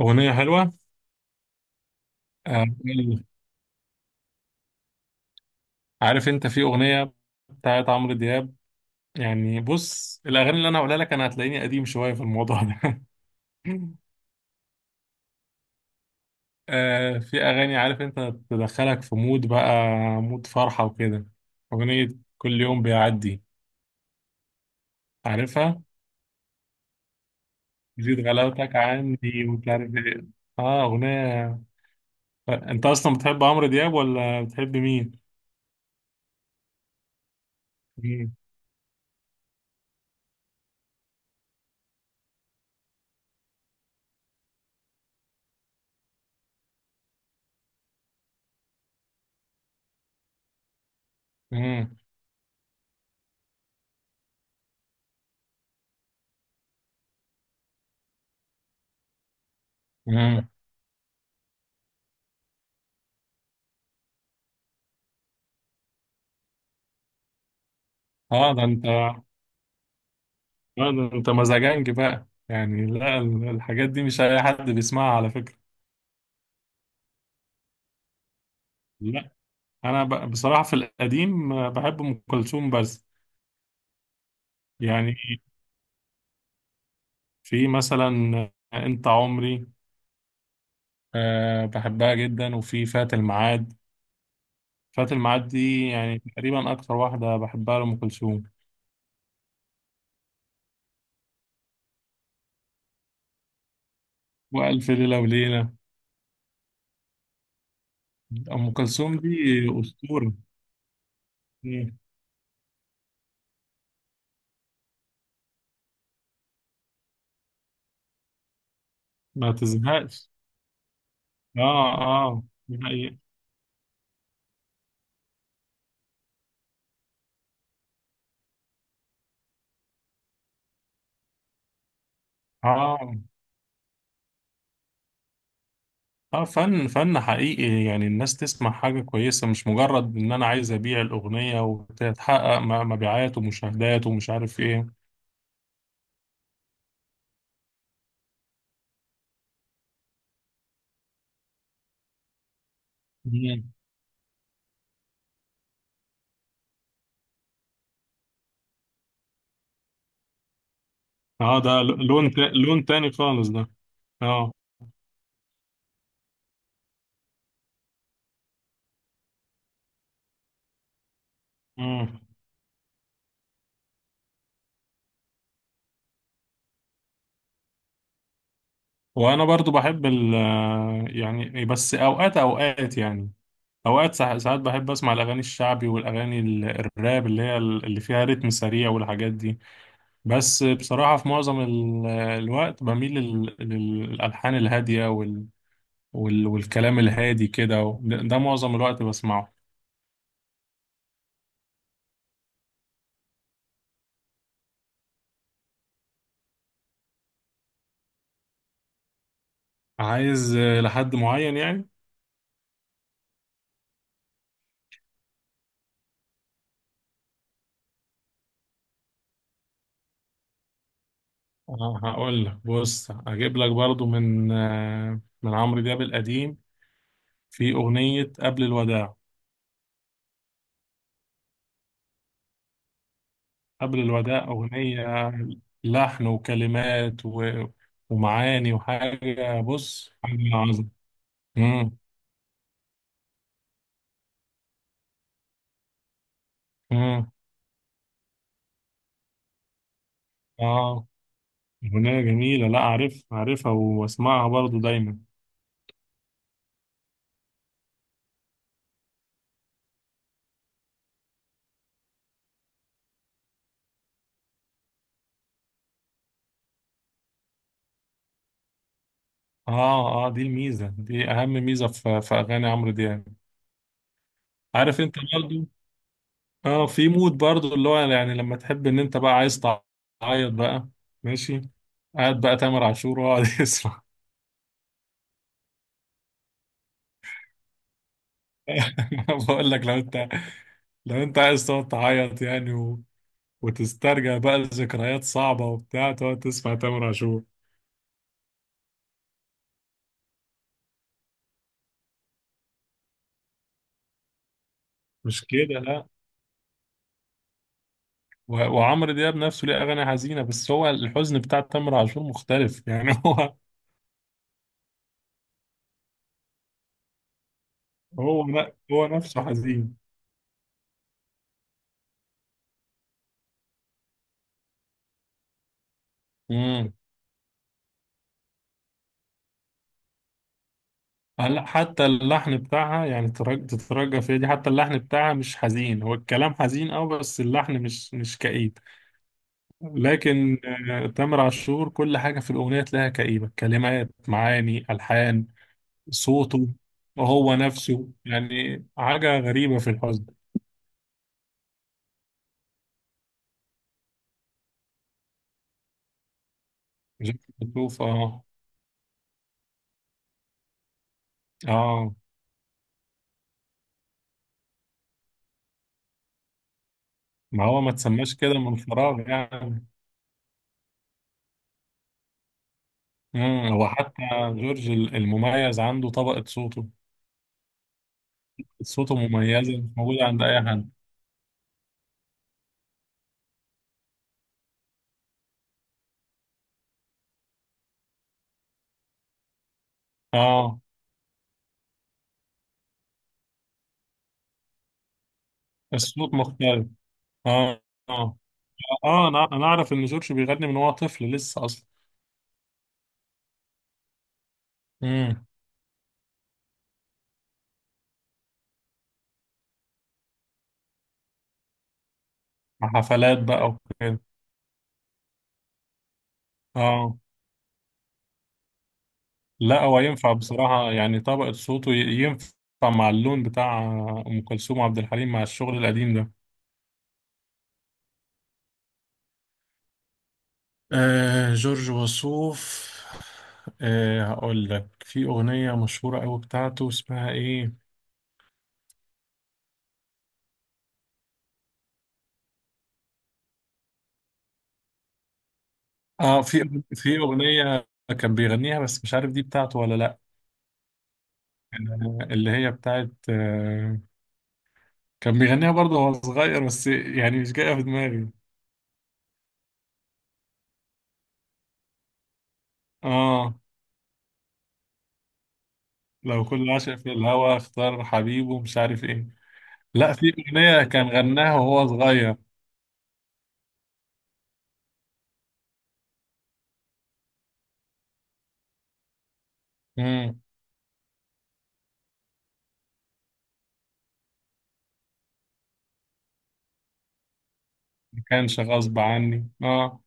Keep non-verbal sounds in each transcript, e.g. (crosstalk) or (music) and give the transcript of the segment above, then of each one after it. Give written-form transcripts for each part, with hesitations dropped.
أغنية حلوة. آه، عارف أنت في أغنية بتاعت عمرو دياب. يعني بص، الأغاني اللي أنا هقولها لك أنا هتلاقيني قديم شوية في الموضوع ده. (laughs) آه، في أغاني عارف أنت تدخلك في مود بقى، مود فرحة وكده. أغنية كل يوم بيعدي. عارفها؟ زيد غلاوتك عني ومش عارف إيه. أغنية. أنت أصلا بتحب عمرو دياب ولا بتحب مين؟ مم. مم. مم. آه ده أنت لا، ده انت مزاجنج بقى يعني. لا، الحاجات دي مش اي حد بيسمعها على فكرة. لا، انا بصراحة في القديم بحب ام كلثوم بس. يعني في مثلا انت عمري، بحبها جدا، وفي فات الميعاد. فات الميعاد دي يعني تقريبا اكتر واحدة بحبها لام كلثوم. والف ليلة وليلة. ام كلثوم دي اسطورة. ما تزهقش. اه اه دي حقيقة. اه اه فن فن حقيقي، يعني الناس تسمع حاجة كويسة، مش مجرد ان انا عايز ابيع الاغنية وتتحقق مبيعات ومشاهدات ومش عارف ايه. مم. اه ده لون تاني خالص ده. اه. مم. وانا برضو بحب يعني، بس اوقات اوقات يعني، اوقات ساعات بحب اسمع الاغاني الشعبي والاغاني الراب اللي هي اللي فيها رتم سريع والحاجات دي. بس بصراحة في معظم الوقت بميل للالحان الهادية والكلام الهادي كده ده معظم الوقت بسمعه. عايز لحد معين يعني. هقول لك بص، اجيب لك برضو من من عمرو دياب القديم، في أغنية قبل الوداع. قبل الوداع أغنية لحن وكلمات ومعاني، وحاجة بص حاجة عظمة. مم. مم. اه أغنية جميلة، لا، أعرفها وأسمعها برضو دايما. اه اه دي الميزة، دي أهم ميزة في أغاني عمرو دياب. عارف انت برضو؟ اه في مود برضو اللي هو يعني، لما تحب ان انت بقى عايز تعيط بقى، ماشي، قاعد بقى تامر عاشور واقعد (laughs) يسمع. بقول لك، لو انت عايز تقعد تعيط يعني وتسترجع بقى ذكريات صعبة وبتاع، تقعد تسمع تامر عاشور. مش كده، لا. وعمرو دياب نفسه ليه أغاني حزينة، بس هو الحزن بتاع تامر عاشور مختلف يعني. (laughs) هو نفسه حزين. مم. هلا، حتى اللحن بتاعها يعني تترجى فيها دي، حتى اللحن بتاعها مش حزين، هو الكلام حزين اه، بس اللحن مش كئيب. لكن آه، تامر عاشور كل حاجة في الأغنية تلاقيها كئيبة، كلمات معاني ألحان صوته، وهو نفسه يعني حاجة غريبة في الحزن. مش بتشوف؟ اه. اه ما هو ما تسماش كده من فراغ يعني. هو حتى جورج المميز عنده طبقة صوته. صوته مميزة مش موجودة عند أي حد. اه الصوت مختلف. اه. اه اه انا اعرف ان جورج بيغني من وهو طفل لسه اصلا. امم. حفلات بقى وكده. اه. لا هو ينفع بصراحة يعني، طبقة صوته ينفع مع اللون بتاع ام كلثوم وعبد الحليم، مع الشغل القديم ده. آه جورج وسوف. آه هقول لك في اغنية مشهورة قوي بتاعته اسمها ايه. اه في اغنية كان بيغنيها بس مش عارف دي بتاعته ولا لا. آه، اللي هي بتاعت، كان بيغنيها برضه وهو صغير بس يعني مش جاية في دماغي. اه لو كل عاشق في الهوى اختار حبيبه مش عارف ايه. لا، في أغنية كان غناها وهو صغير. امم. ما كانش غصب عني اه.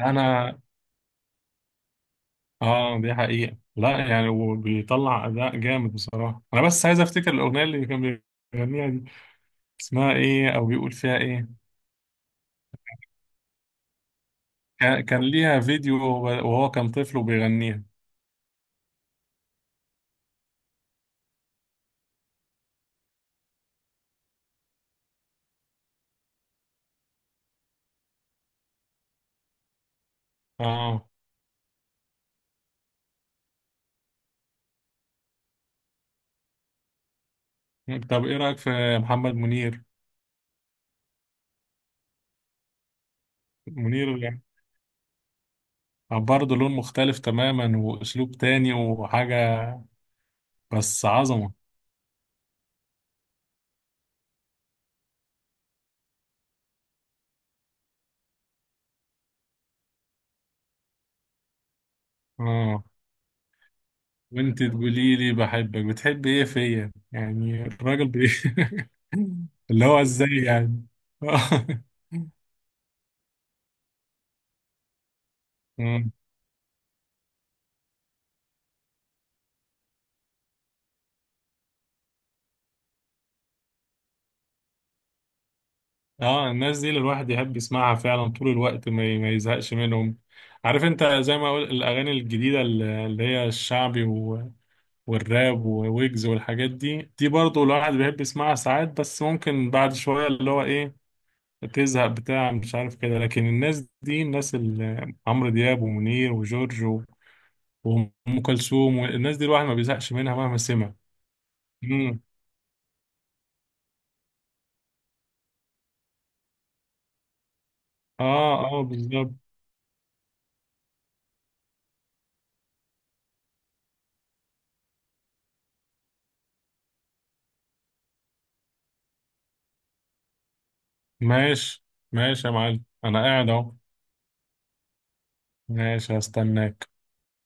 انا اه دي حقيقة، لا يعني، وبيطلع أداء جامد بصراحة. أنا بس عايز أفتكر الأغنية اللي كان بيغنيها دي اسمها إيه أو بيقول فيها إيه. كان ليها فيديو وهو كان طفل وبيغنيها. اه. طب إيه رأيك في محمد منير؟ منير برضه لون مختلف تماما واسلوب تاني وحاجة، بس عظمة. اه وانت تقولي لي بحبك بتحب ايه فيا، يعني الراجل (laughs) اللي هو ازاي يعني. (laughs) مم. اه الناس دي اللي الواحد يحب يسمعها فعلا طول الوقت ما يزهقش منهم. عارف انت، زي ما اقول، الاغاني الجديده اللي هي الشعبي والراب وويجز والحاجات دي برضه الواحد بيحب يسمعها ساعات بس ممكن بعد شويه اللي هو ايه، تزهق بتاع مش عارف كده. لكن الناس دي، الناس اللي عمرو دياب ومنير وجورج وأم كلثوم والناس دي، الواحد ما بيزهقش منها مهما سمع. امم. اه اه بالظبط. ماشي، ماشي يا معلم انا قاعد اهو. ماشي، هستناك.